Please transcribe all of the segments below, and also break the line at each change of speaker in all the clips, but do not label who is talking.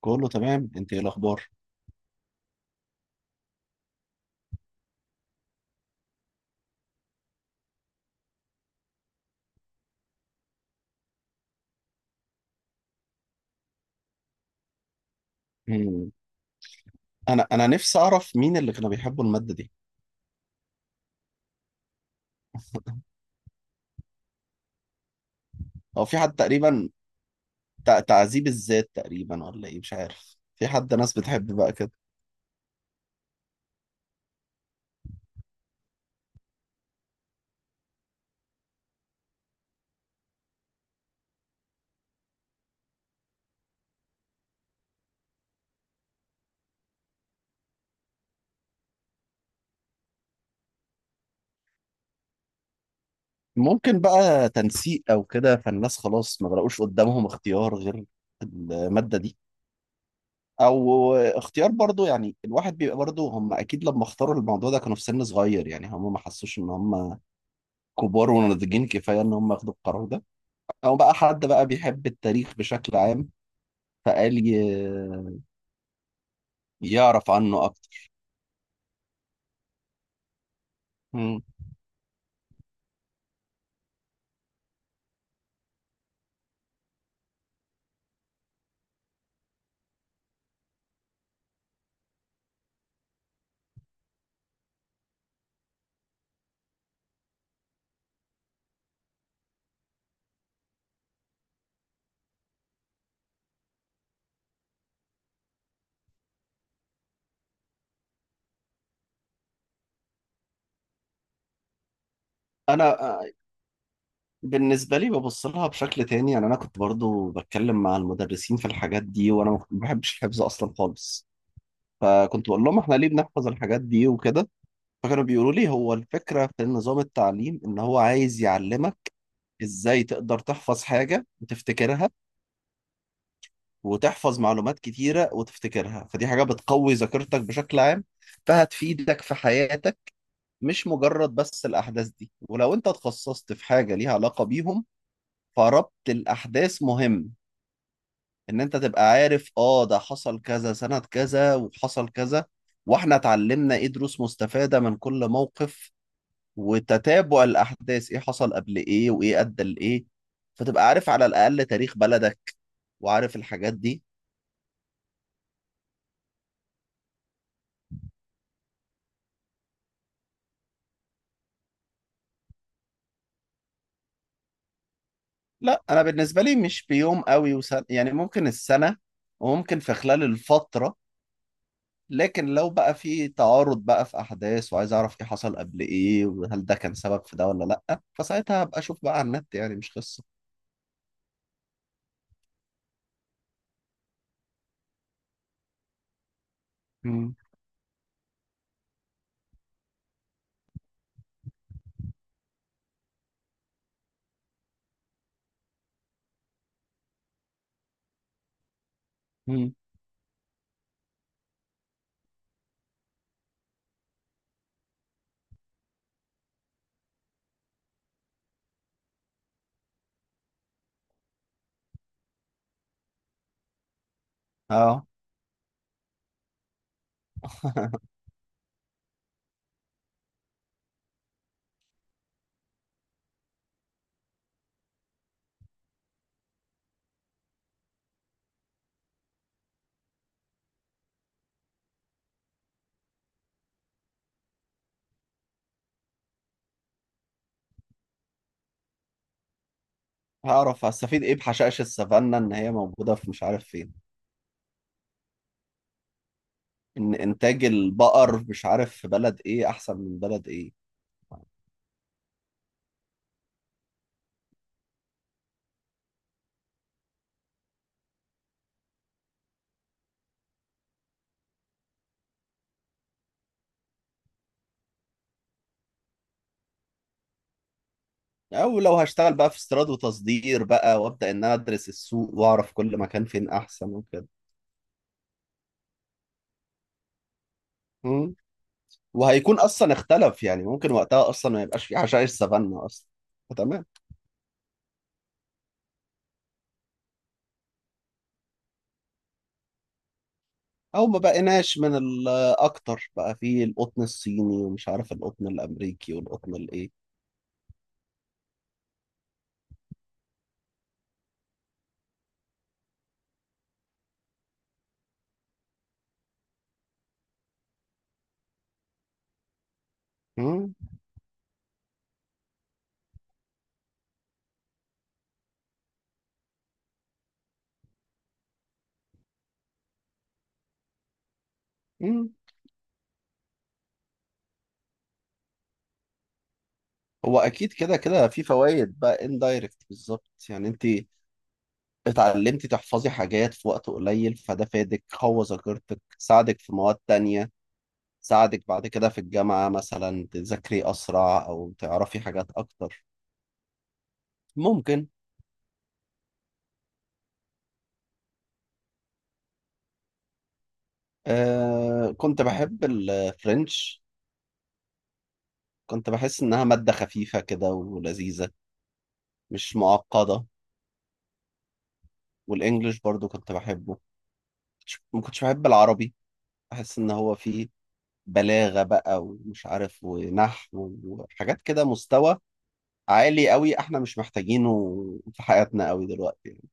كله تمام، انت ايه الاخبار؟ مم. انا نفسي اعرف مين اللي كانوا بيحبوا الماده دي. او في حد تقريبا تعذيب الذات تقريبا، ولا ايه؟ مش عارف، في حد ناس بتحب بقى كده. ممكن بقى تنسيق او كده، فالناس خلاص ما بلاقوش قدامهم اختيار غير الماده دي. او اختيار برضو، يعني الواحد بيبقى برضو، هم اكيد لما اختاروا الموضوع ده كانوا في سن صغير، يعني هم ما حسوش ان هم كبار وناضجين كفايه ان هم ياخدوا القرار ده. او بقى حد بقى بيحب التاريخ بشكل عام فقال يعرف عنه اكتر. مم. انا آه، بالنسبه لي ببص لها بشكل تاني، يعني انا كنت برضو بتكلم مع المدرسين في الحاجات دي، وانا ما بحبش الحفظ اصلا خالص. فكنت بقول لهم احنا ليه بنحفظ الحاجات دي وكده. فكانوا بيقولوا لي هو الفكره في نظام التعليم ان هو عايز يعلمك ازاي تقدر تحفظ حاجه وتفتكرها، وتحفظ معلومات كتيره وتفتكرها. فدي حاجه بتقوي ذاكرتك بشكل عام فهتفيدك في حياتك، مش مجرد بس الاحداث دي. ولو انت اتخصصت في حاجه ليها علاقه بيهم فربط الأحداث مهم. إن أنت تبقى عارف آه ده حصل كذا سنة كذا وحصل كذا، وإحنا اتعلمنا إيه دروس مستفادة من كل موقف، وتتابع الأحداث إيه حصل قبل إيه وإيه أدى لإيه، فتبقى عارف على الأقل تاريخ بلدك وعارف الحاجات دي. لا، أنا بالنسبة لي مش بيوم قوي وسنة، يعني ممكن السنة وممكن في خلال الفترة، لكن لو بقى في تعارض بقى في احداث وعايز اعرف ايه حصل قبل ايه وهل ده كان سبب في ده ولا لا، فساعتها هبقى اشوف بقى على النت يعني، مش قصه. مم. مم. اه. هعرف هستفيد ايه بحشائش السافانا ان هي موجوده في مش عارف فين. ان انتاج البقر مش عارف في بلد ايه احسن من بلد ايه. او لو هشتغل بقى في استيراد وتصدير بقى، وابدا ان انا ادرس السوق واعرف كل مكان فين احسن وكده. مم. وهيكون اصلا اختلف، يعني ممكن وقتها اصلا ما يبقاش في حشائش سافانا اصلا. فتمام. او ما بقيناش من الاكتر بقى في القطن الصيني ومش عارف القطن الامريكي والقطن الايه. مم. مم. هو اكيد كده كده في فوائد بقى اندايركت بالظبط، يعني انت اتعلمتي تحفظي حاجات في وقت قليل، فده فادك قوى ذاكرتك ساعدك في مواد تانية. ساعدك بعد كده في الجامعة مثلا تذاكري اسرع او تعرفي حاجات اكتر. ممكن. كنت بحب الفرنش. كنت بحس انها مادة خفيفة كده ولذيذة. مش معقدة. والانجليش برضو كنت بحبه. ما كنتش بحب العربي، احس ان هو فيه بلاغة بقى ومش عارف ونحو وحاجات كده مستوى عالي قوي احنا مش محتاجينه في حياتنا قوي دلوقتي يعني.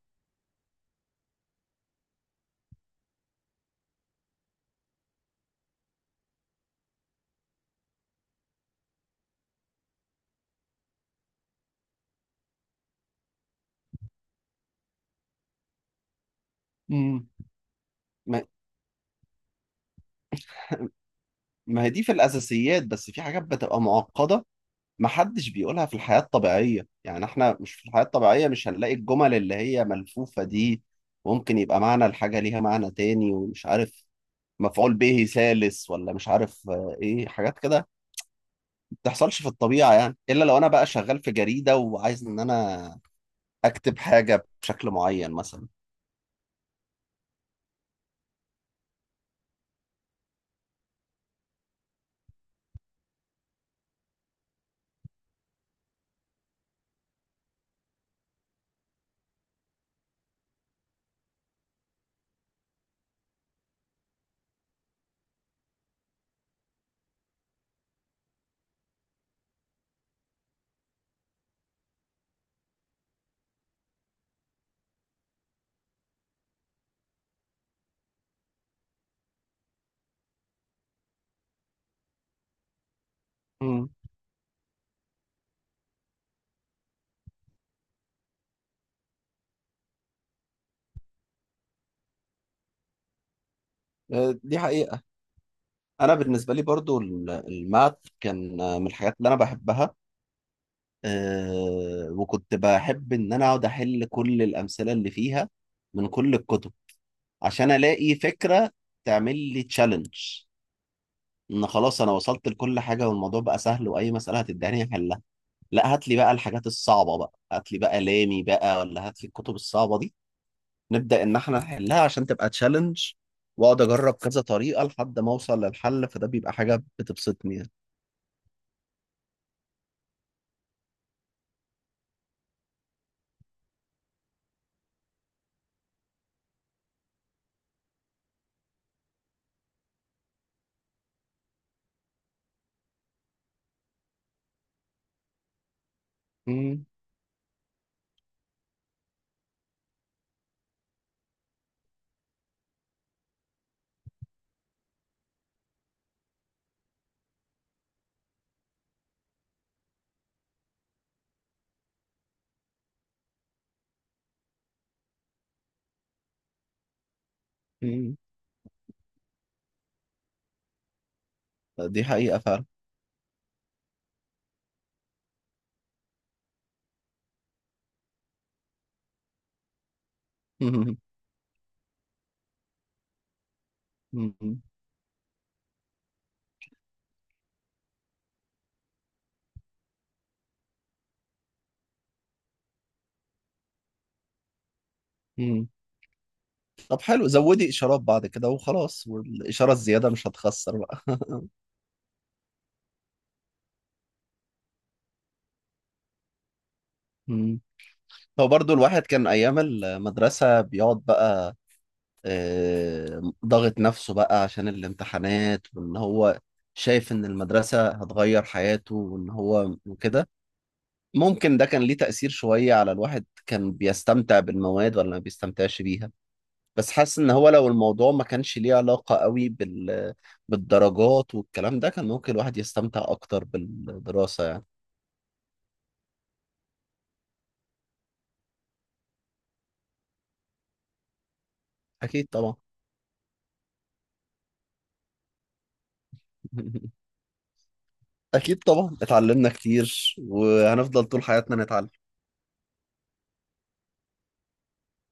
امم. ما ما هي دي في الاساسيات، بس في حاجات بتبقى معقدة ما حدش بيقولها في الحياة الطبيعية، يعني احنا مش في الحياة الطبيعية، مش هنلاقي الجمل اللي هي ملفوفة دي. ممكن يبقى معنى الحاجة ليها معنى تاني، ومش عارف مفعول به ثالث ولا مش عارف ايه حاجات كده تحصلش في الطبيعة، يعني إلا لو أنا بقى شغال في جريدة وعايز إن أنا أكتب حاجة بشكل معين مثلا. مم. آه، دي حقيقة. أنا بالنسبة لي برضو الماث كان من الحاجات اللي أنا بحبها. وكنت بحب إن أنا أقعد أحل كل الأمثلة اللي فيها من كل الكتب، عشان ألاقي فكرة تعمل لي تشالنج إن خلاص أنا وصلت لكل حاجة والموضوع بقى سهل وأي مسألة هتداني أحلها. لا، هات لي بقى الحاجات الصعبة بقى، هات لي بقى لامي بقى، ولا هات لي الكتب الصعبة دي نبدأ إن إحنا نحلها عشان تبقى تشالنج. وأقعد أجرب كذا طريقة لحد ما أوصل للحل، فده بيبقى حاجة بتبسطني يعني. مم. مم. دي حقيقة فعلا. مم. مم. مم. طب حلو، زودي إشارات بعد كده وخلاص، والإشارة الزيادة مش هتخسر بقى. مم. هو برضو الواحد كان أيام المدرسة بيقعد بقى ضاغط نفسه بقى عشان الامتحانات، وإن هو شايف إن المدرسة هتغير حياته وإن هو وكده. ممكن ده كان ليه تأثير شوية على الواحد، كان بيستمتع بالمواد ولا ما بيستمتعش بيها. بس حاسس ان هو لو الموضوع ما كانش ليه علاقة قوي بال... بالدرجات والكلام ده، كان ممكن الواحد يستمتع اكتر بالدراسة يعني. اكيد طبعا. اكيد طبعا، اتعلمنا كتير وهنفضل طول حياتنا نتعلم.